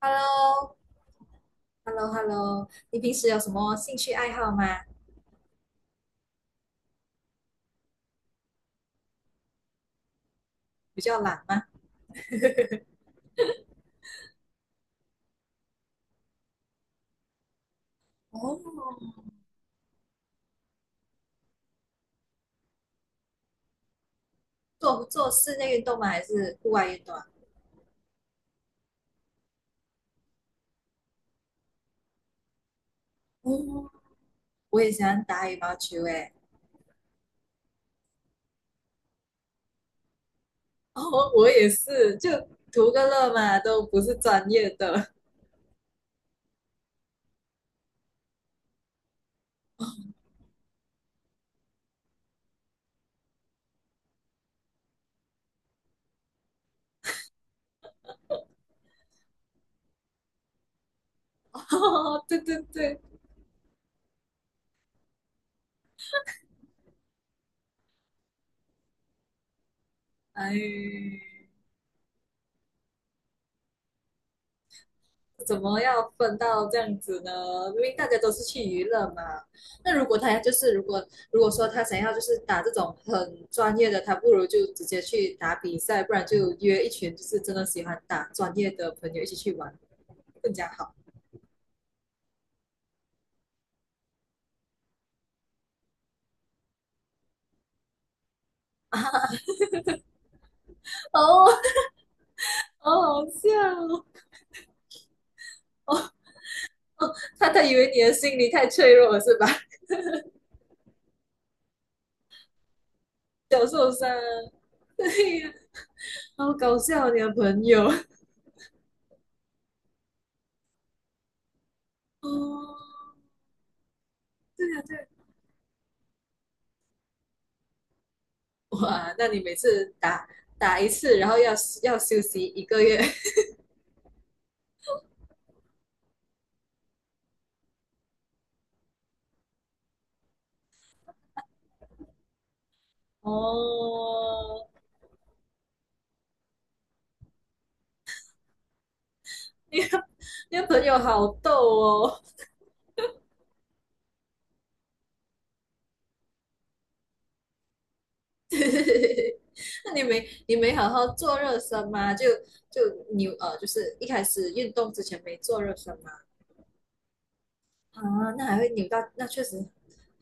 h e l l o h e l l o h e l l o 你平时有什么兴趣爱好吗？比较懒吗？哦，做做室内运动吗？还是户外运动啊？哦，我也喜欢打羽毛球诶。哦，我也是，就图个乐嘛，都不是专业的。哦，对对对，哎，怎么要分到这样子呢？明明大家都是去娱乐嘛。那如果说他想要就是打这种很专业的，他不如就直接去打比赛，不然就约一群就是真的喜欢打专业的朋友一起去玩，更加好。哦，好好笑哦！哦，他以为你的心理太脆弱了是吧？小受伤，对呀，啊好搞笑啊你的朋友。哦，对呀、啊对呀、哇，那你每次打一次，然后要休息一个月。哦，你的你的朋友好逗哦。那你没好好做热身吗？就就是一开始运动之前没做热身吗？啊，那还会扭到，那确实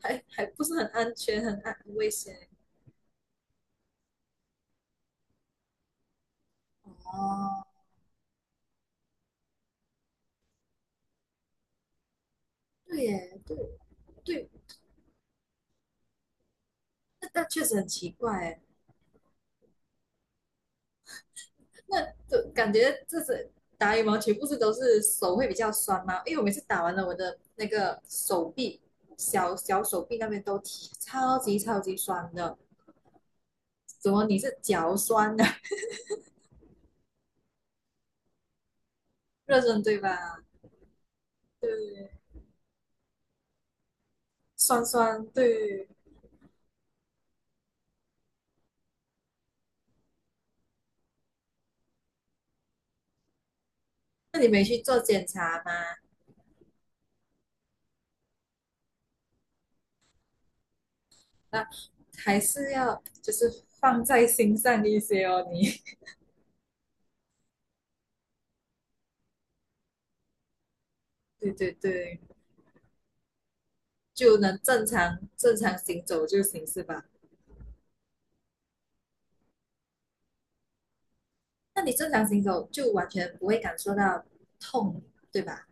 还不是很安全，很危险。哦，对耶，对对，那确实很奇怪耶。那就感觉这是打羽毛球，不是都是手会比较酸吗？因为我每次打完了，我的那个手臂、小手臂那边都提超级超级酸的。怎么你是脚酸的？热身对吧？对，酸酸对。那你没去做检查吗？那还是要就是放在心上一些哦，你 对对对，就能正常行走就行是吧？那你正常行走就完全不会感受到痛，对吧？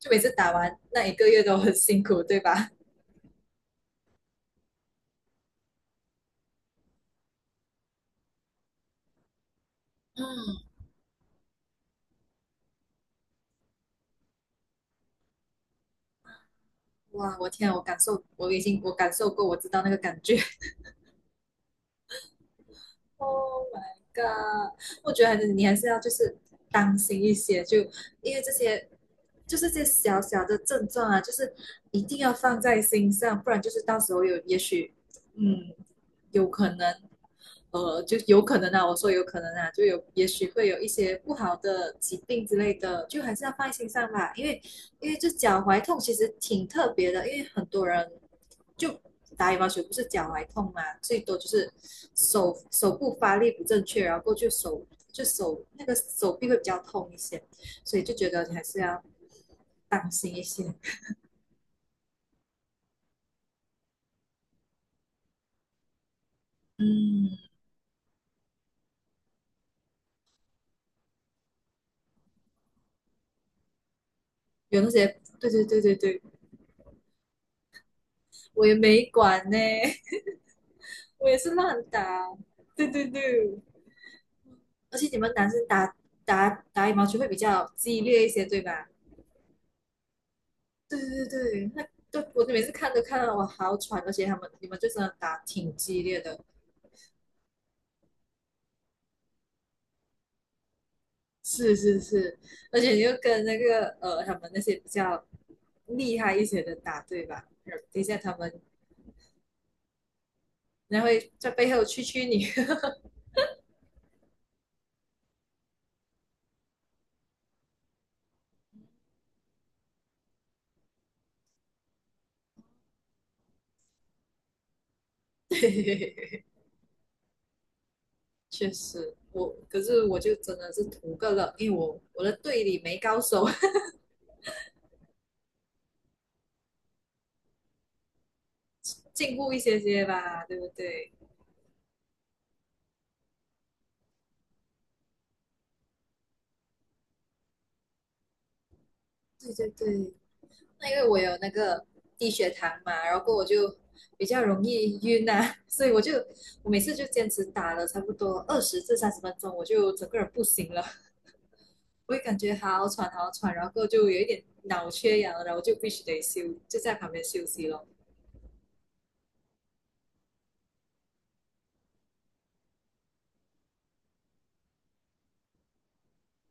就每次打完那一个月都很辛苦，对吧？嗯，哇，我天啊我感受过，我知道那个感觉。Oh my god！我觉得还是你还是要就是当心一些，就因为这些就是这些小小的症状啊，就是一定要放在心上，不然就是到时候有也许嗯有可能就有可能啊，我说有可能啊，就有也许会有一些不好的疾病之类的，就还是要放在心上吧。因为这脚踝痛其实挺特别的，因为很多人就打羽毛球不是脚踝痛嘛，最多就是手部发力不正确，然后过去手就手那个手臂会比较痛一些，所以就觉得你还是要当心一些。嗯，有那些对对对对对，我也没管呢，我也是乱打。对对对。而且你们男生打羽毛球会比较激烈一些，对吧？对对对，那对我每次看都看到我好喘，而且他们你们就真的打挺激烈的，是是是，而且你就跟那个他们那些比较厉害一些的打，对吧？等一下他们然后会在背后蛐蛐你，对，确实。我可是我就真的是图个乐，因为我的队里没高手，进步一些些吧，对不对？对对对，那因为我有那个低血糖嘛，然后我就比较容易晕啊，所以我每次就坚持打了差不多20至30分钟，我就整个人不行了，我也感觉好喘好喘，然后就有一点脑缺氧，然后就必须得休，就在旁边休息咯。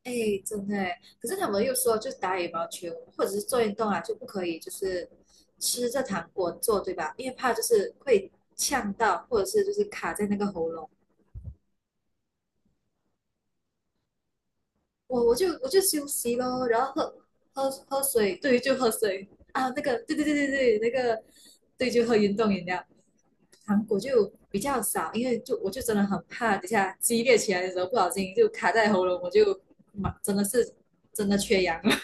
哎，真的诶，可是他们又说，就是打羽毛球或者是做运动啊，就不可以就是吃着糖果做，对吧？因为怕就是会呛到，或者是就是卡在那个喉咙。我就休息咯，然后喝水，对，就喝水啊，那个对对对对对，那个对，就喝运动饮料。糖果就比较少，因为就我就真的很怕，等下激烈起来的时候不小心就卡在喉咙，我就妈真的是真的缺氧了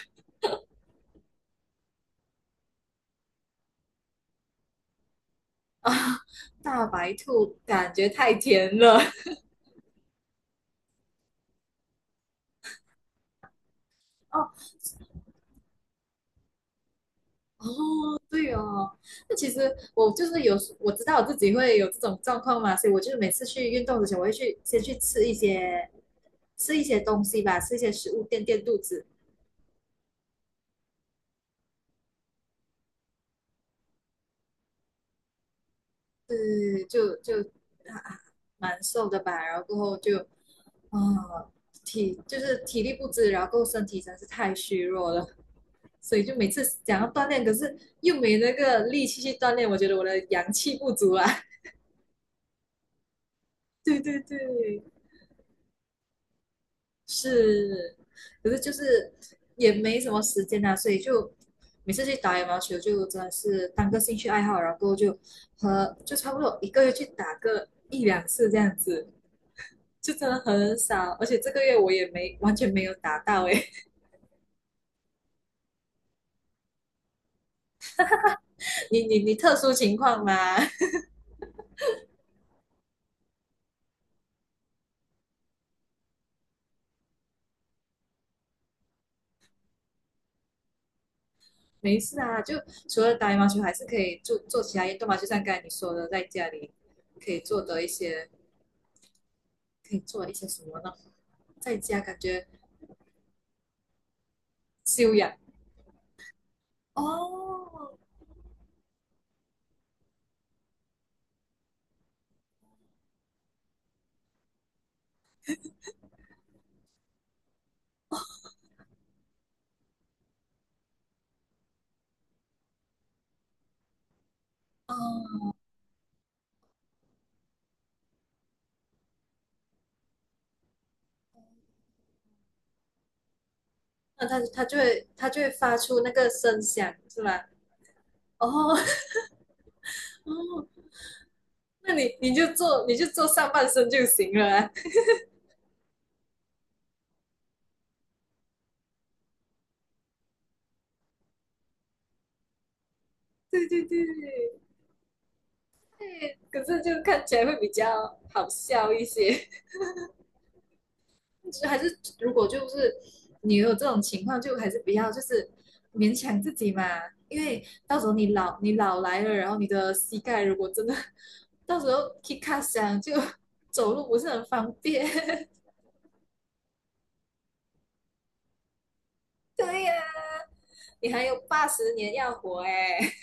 啊！大白兔感觉太甜了 哦，哦，对哦，那其实我就是有时，我知道我自己会有这种状况嘛，所以我就是每次去运动之前，我会去先去吃一些东西吧，吃一些食物垫垫肚子，对，就就啊啊蛮瘦的吧，然后过后就啊体就是体力不支，然后过后身体真是太虚弱了，所以就每次想要锻炼，可是又没那个力气去锻炼，我觉得我的阳气不足啊，对对对，是，可是就是也没什么时间啊，所以就每次去打羽毛球就真的是当个兴趣爱好，然后就和就差不多一个月去打个一两次这样子，就真的很少。而且这个月我也没完全没有打到诶，你特殊情况吗？没事啊，就除了打羽毛球，还是可以做做其他运动嘛，就像刚才你说的，在家里可以做的一些可以做一些什么呢？在家感觉修养哦，哦，那他就会发出那个声响，是吧？哦 哦，那你就做上半身就行了啊。对对对，对，可是就看起来会比较好笑一些。就还是如果就是你有这种情况，就还是不要就是勉强自己嘛，因为到时候你老来了，然后你的膝盖如果真的 到时候 k i 响就 走路不是很方便。对呀、你还有80年要活哎、欸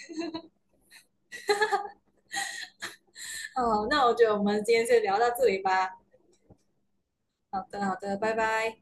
哦，那我觉得我们今天就聊到这里吧。好的，好的，拜拜。